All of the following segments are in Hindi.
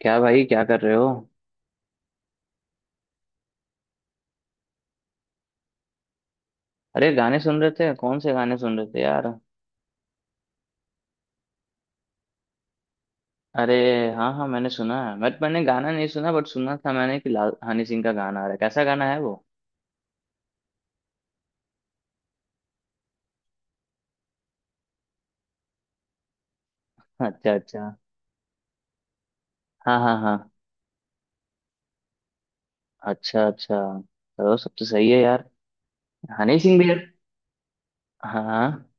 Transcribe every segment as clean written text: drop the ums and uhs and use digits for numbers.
क्या भाई, क्या कर रहे हो? अरे, गाने सुन रहे थे? कौन से गाने सुन रहे थे यार? अरे हाँ हाँ, मैंने सुना है। मैंने गाना नहीं सुना, बट सुना था मैंने कि लाल हनी सिंह का गाना आ रहा है। कैसा गाना है वो? अच्छा अच्छा। हाँ हाँ हाँ। अच्छा अच्छा। चलो, सब तो सही है यार। हनी सिंह भी यार। हाँ हाँ।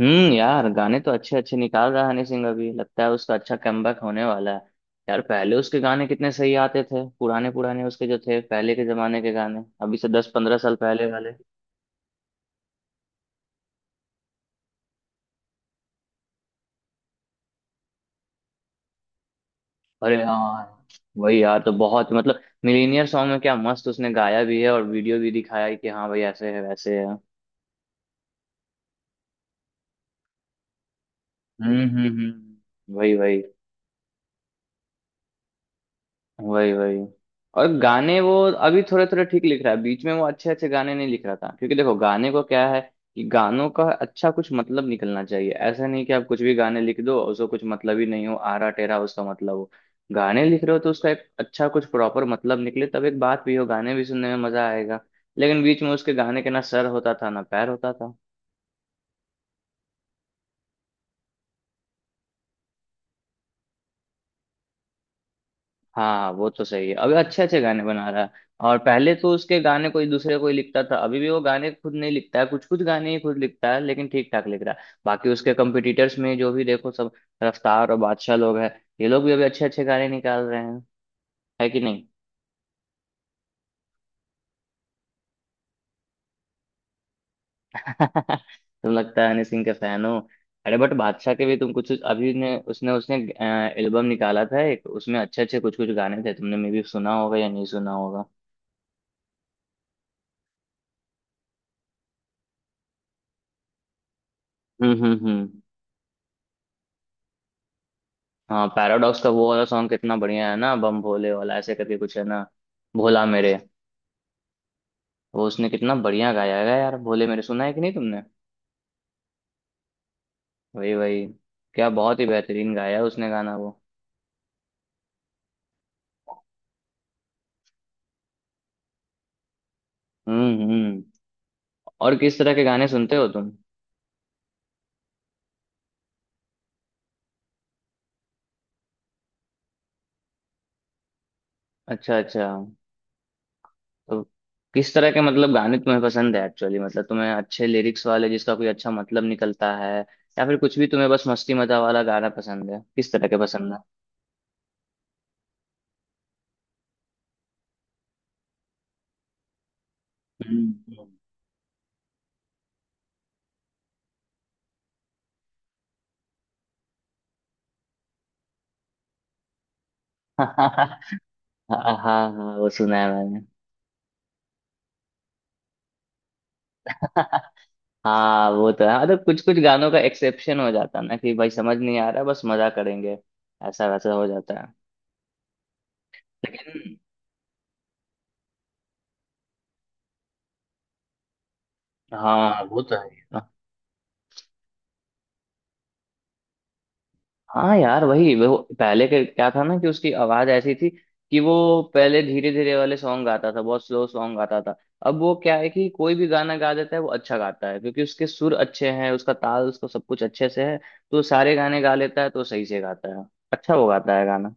यार, गाने तो अच्छे अच्छे निकाल रहा है हनी सिंह। अभी लगता है उसका अच्छा कमबैक होने वाला है। यार, पहले उसके गाने कितने सही आते थे। पुराने पुराने उसके जो थे, पहले के जमाने के गाने, अभी से दस पंद्रह साल पहले वाले। अरे हाँ। वही यार, तो बहुत मतलब मिलीनियर सॉन्ग में क्या मस्त उसने गाया भी है, और वीडियो भी दिखाया है कि हाँ भाई, ऐसे है वैसे है। वही वही। वही वही। और गाने वो अभी थोड़े थोड़े ठीक लिख रहा है। बीच में वो अच्छे अच्छे गाने नहीं लिख रहा था, क्योंकि देखो, गाने को क्या है कि गानों का अच्छा कुछ मतलब निकलना चाहिए। ऐसा नहीं कि आप कुछ भी गाने लिख दो, उसको कुछ मतलब ही नहीं हो आरा टेरा, उसका मतलब हो। गाने लिख रहे हो तो उसका एक अच्छा कुछ प्रॉपर मतलब निकले, तब एक बात भी हो, गाने भी सुनने में मजा आएगा। लेकिन बीच में उसके गाने के ना सर होता था ना पैर होता था। हाँ, वो तो सही है, अभी अच्छे अच्छे गाने बना रहा है। और पहले तो उसके गाने कोई दूसरे कोई लिखता था, अभी भी वो गाने खुद नहीं लिखता है, कुछ कुछ गाने ही खुद लिखता है, लेकिन ठीक ठाक लिख रहा है। बाकी उसके कंपटीटर्स में जो भी देखो, सब रफ्तार और बादशाह लोग हैं। ये लोग भी अभी अच्छे अच्छे गाने निकाल रहे हैं। है कि नहीं? तुम, लगता है हनी सिंह के फैन हो। अरे बट बादशाह के भी, तुम कुछ कुछ- अभी ने उसने उसने एल्बम निकाला था एक, उसमें अच्छे अच्छे कुछ कुछ गाने थे। तुमने मे भी सुना होगा या नहीं सुना होगा? हम्म हम्म हम्म हाँ, पैराडॉक्स का वो वाला सॉन्ग कितना बढ़िया है ना, बम भोले वाला, ऐसे करके कुछ है ना, भोला मेरे। वो उसने कितना बढ़िया गाया है यार, भोले मेरे। सुना है कि नहीं तुमने? वही वही। क्या बहुत ही बेहतरीन गाया है उसने गाना वो। हम्म हम्म और किस तरह के गाने सुनते हो तुम? अच्छा अच्छा। तो किस तरह के मतलब गाने तुम्हें पसंद है एक्चुअली? मतलब तुम्हें अच्छे लिरिक्स वाले जिसका कोई अच्छा मतलब निकलता है, या फिर कुछ भी तुम्हें बस मस्ती मजा वाला गाना पसंद है? किस तरह के पसंद है? हम्म हम्म। हाँ हाँ हाँ, वो सुना है मैंने। हाँ, वो तो है। मतलब कुछ कुछ गानों का एक्सेप्शन हो जाता है ना, कि भाई समझ नहीं आ रहा, बस मजा करेंगे। ऐसा वैसा हो जाता है। लेकिन हाँ, वो तो है। हाँ यार, वही। वो पहले के क्या था ना कि उसकी आवाज ऐसी थी कि वो पहले धीरे धीरे वाले सॉन्ग गाता था, बहुत स्लो सॉन्ग गाता था। अब वो क्या है कि कोई भी गाना गा देता है, वो अच्छा गाता है, क्योंकि उसके सुर अच्छे हैं, उसका ताल, उसका सब कुछ अच्छे से है। तो सारे गाने गा लेता है, तो सही से गाता है। अच्छा वो गाता है गाना।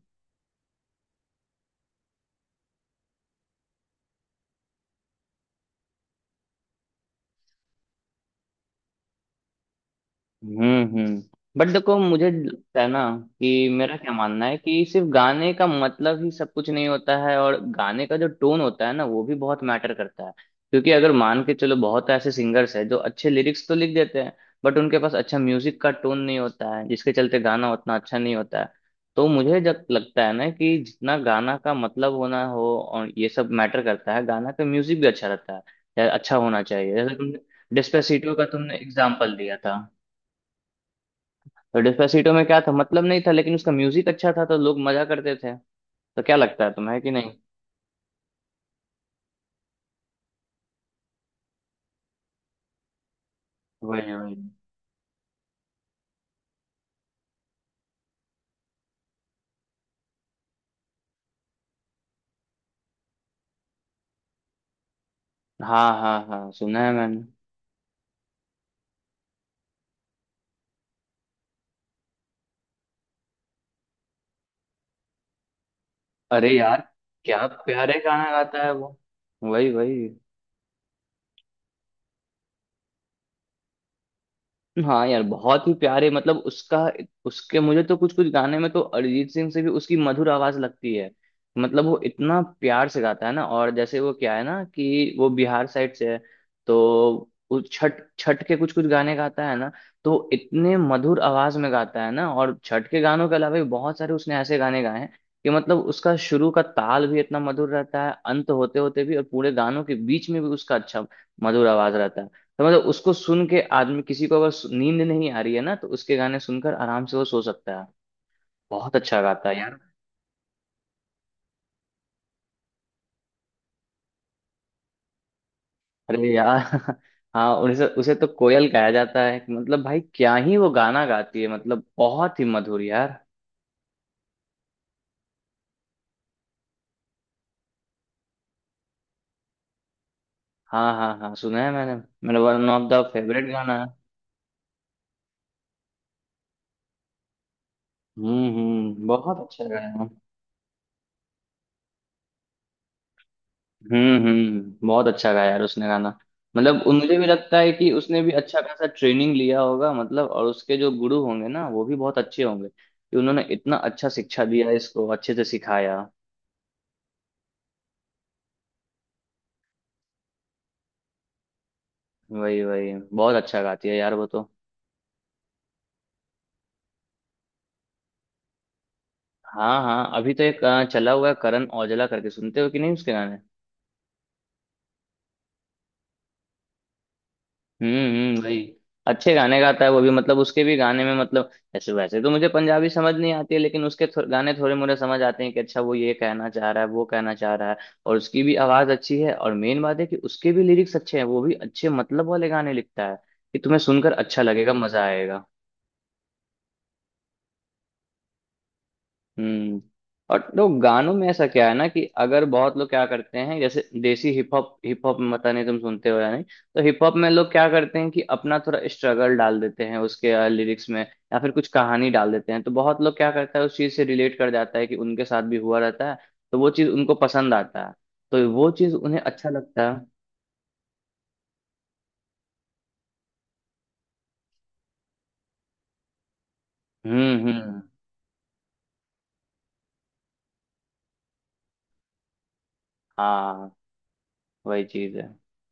हम्म हम्म बट देखो, मुझे लगता है ना, कि मेरा क्या मानना है कि सिर्फ गाने का मतलब ही सब कुछ नहीं होता है, और गाने का जो टोन होता है ना, वो भी बहुत मैटर करता है, क्योंकि अगर मान के चलो, बहुत ऐसे सिंगर्स हैं जो अच्छे लिरिक्स तो लिख देते हैं, बट उनके पास अच्छा म्यूजिक का टोन नहीं होता है, जिसके चलते गाना उतना अच्छा नहीं होता है। तो मुझे जब लगता है ना कि जितना गाना का मतलब होना हो, और ये सब मैटर करता है, गाना का म्यूजिक भी अच्छा रहता है, या अच्छा होना चाहिए। जैसे तुमने डिस्पेसिटो का तुमने एग्जाम्पल दिया था। तो डिस्पेसिटो में क्या था, मतलब नहीं था, लेकिन उसका म्यूजिक अच्छा था, तो लोग मजा करते थे। तो क्या लगता है तुम्हें कि नहीं? वही वही। हाँ हाँ हाँ, सुना है मैंने। अरे यार, क्या प्यारे गाना गाता है वो। वही वही। हाँ यार, बहुत ही प्यारे। मतलब उसका, उसके मुझे तो कुछ कुछ गाने में तो अरिजीत सिंह से भी उसकी मधुर आवाज लगती है। मतलब वो इतना प्यार से गाता है ना, और जैसे वो क्या है ना कि वो बिहार साइड से है, तो वो छठ, छठ के कुछ कुछ गाने गाता है ना, तो इतने मधुर आवाज में गाता है ना। और छठ के गानों के अलावा भी बहुत सारे उसने ऐसे गाने गाए हैं, कि मतलब उसका शुरू का ताल भी इतना मधुर रहता है, अंत होते होते भी, और पूरे गानों के बीच में भी उसका अच्छा मधुर आवाज रहता है। तो मतलब उसको सुन के आदमी, किसी को अगर नींद नहीं आ रही है ना, तो उसके गाने सुनकर आराम से वो सो सकता है। बहुत अच्छा गाता है यार। अरे यार। हाँ, उसे उसे तो कोयल कहा जाता है। मतलब भाई क्या ही वो गाना गाती है, मतलब बहुत ही मधुर यार। हाँ हाँ हाँ, सुना है मैंने। मेरा वन ऑफ द फेवरेट गाना है। बहुत अच्छा गाना है। बहुत अच्छा गाया यार उसने गाना। मतलब मुझे भी लगता है कि उसने भी अच्छा खासा ट्रेनिंग लिया होगा, मतलब। और उसके जो गुरु होंगे ना, वो भी बहुत अच्छे होंगे, कि उन्होंने इतना अच्छा शिक्षा दिया, इसको अच्छे से सिखाया। वही वही, बहुत अच्छा गाती है यार वो तो। हाँ हाँ, अभी तो एक चला हुआ है, करण औजला करके, सुनते हो कि नहीं उसके गाने? वही। अच्छे गाने गाता है वो भी। मतलब उसके भी गाने में, मतलब ऐसे वैसे तो मुझे पंजाबी समझ नहीं आती है, लेकिन उसके गाने थोड़े मोरे समझ आते हैं कि अच्छा वो ये कहना चाह रहा है, वो कहना चाह रहा है। और उसकी भी आवाज अच्छी है, और मेन बात है कि उसके भी लिरिक्स अच्छे हैं, वो भी अच्छे मतलब वाले गाने लिखता है, कि तुम्हें सुनकर अच्छा लगेगा, मजा आएगा। हम्म और तो गानों में ऐसा क्या है ना, कि अगर बहुत लोग क्या करते हैं, जैसे desi hip hop, hip hop पता नहीं तुम सुनते हो या नहीं, तो हिप हॉप में लोग क्या करते हैं कि अपना थोड़ा स्ट्रगल डाल देते हैं उसके लिरिक्स में, या फिर कुछ कहानी डाल देते हैं, तो बहुत लोग, क्या करता है, उस चीज से रिलेट कर जाता है, कि उनके साथ भी हुआ रहता है, तो वो चीज उनको पसंद आता है, तो वो चीज उन्हें अच्छा लगता है। हम्म हम्म हाँ, वही चीज है।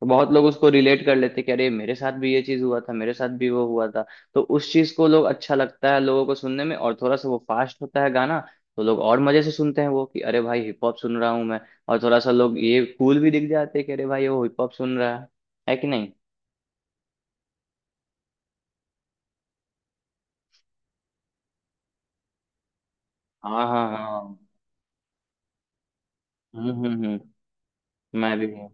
तो बहुत लोग उसको रिलेट कर लेते हैं कि अरे मेरे साथ भी ये चीज हुआ था, मेरे साथ भी वो हुआ था। तो उस चीज को लोग अच्छा लगता है, लोगों को सुनने में। और थोड़ा सा वो फास्ट होता है गाना, तो लोग और मजे से सुनते हैं वो, कि अरे भाई हिप हॉप सुन रहा हूँ मैं। और थोड़ा सा लोग ये कूल भी दिख जाते हैं कि अरे भाई वो हिप हॉप सुन रहा है। है कि नहीं? हाँ हाँ हाँ। हम्म हम्म हम्म मैं भी हूँ।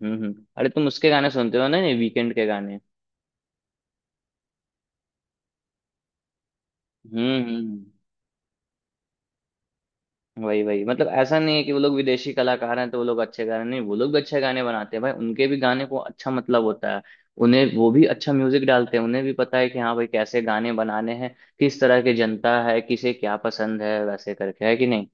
अरे तुम उसके गाने सुनते हो ना, ये वीकेंड के गाने? हम्म हम्म हम्म। वही वही। मतलब ऐसा नहीं है कि वो लोग विदेशी कलाकार हैं तो वो लोग अच्छे गा रहे हैं, नहीं, वो लोग भी अच्छे गाने बनाते हैं भाई, उनके भी गाने को अच्छा मतलब होता है, उन्हें, वो भी अच्छा म्यूजिक डालते हैं, उन्हें भी पता है कि हाँ भाई कैसे गाने बनाने हैं, किस तरह की जनता है, किसे क्या पसंद है, वैसे करके। है कि नहीं?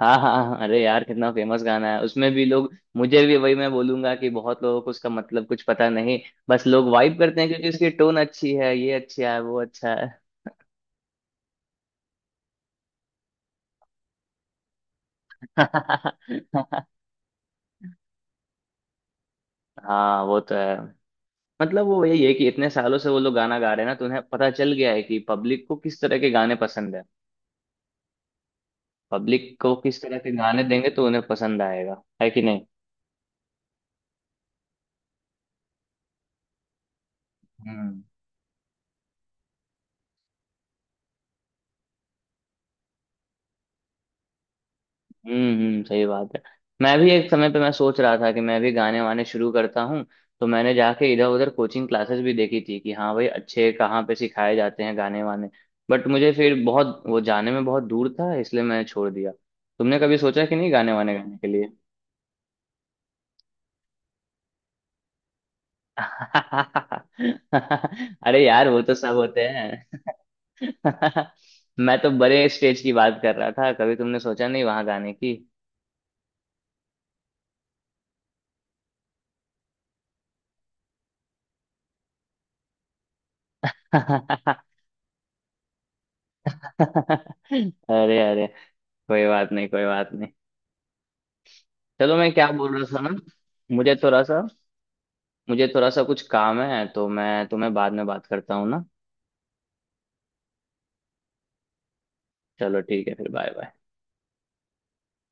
हाँ हाँ हाँ, अरे यार कितना फेमस गाना है, उसमें भी लोग, मुझे भी, वही मैं बोलूंगा कि बहुत लोगों को उसका मतलब कुछ पता नहीं, बस लोग वाइब करते हैं क्योंकि उसकी टोन अच्छी है, ये अच्छा है, वो अच्छा है। हाँ, वो तो है। मतलब वो यही है कि इतने सालों से वो लोग गाना गा रहे हैं ना, तो उन्हें पता चल गया है कि पब्लिक को किस तरह के गाने पसंद है, पब्लिक को किस तरह के गाने देंगे तो उन्हें पसंद आएगा। है कि नहीं? हम्म सही बात है। मैं भी एक समय पे, मैं सोच रहा था कि मैं भी गाने वाने शुरू करता हूँ, तो मैंने जाके इधर उधर कोचिंग क्लासेस भी देखी थी कि हाँ भाई अच्छे कहाँ पे सिखाए जाते हैं गाने वाने, बट मुझे फिर बहुत वो, जाने में बहुत दूर था इसलिए मैंने छोड़ दिया। तुमने कभी सोचा कि नहीं गाने वाने गाने के लिए? अरे यार, वो तो सब होते हैं। मैं तो बड़े स्टेज की बात कर रहा था, कभी तुमने सोचा नहीं वहां जाने की? अरे अरे, कोई बात नहीं, कोई बात नहीं। चलो, मैं क्या बोल रहा था ना, मुझे थोड़ा सा मुझे थोड़ा सा कुछ काम है, तो मैं तुम्हें बाद में बात करता हूँ ना। चलो ठीक है, फिर बाय बाय।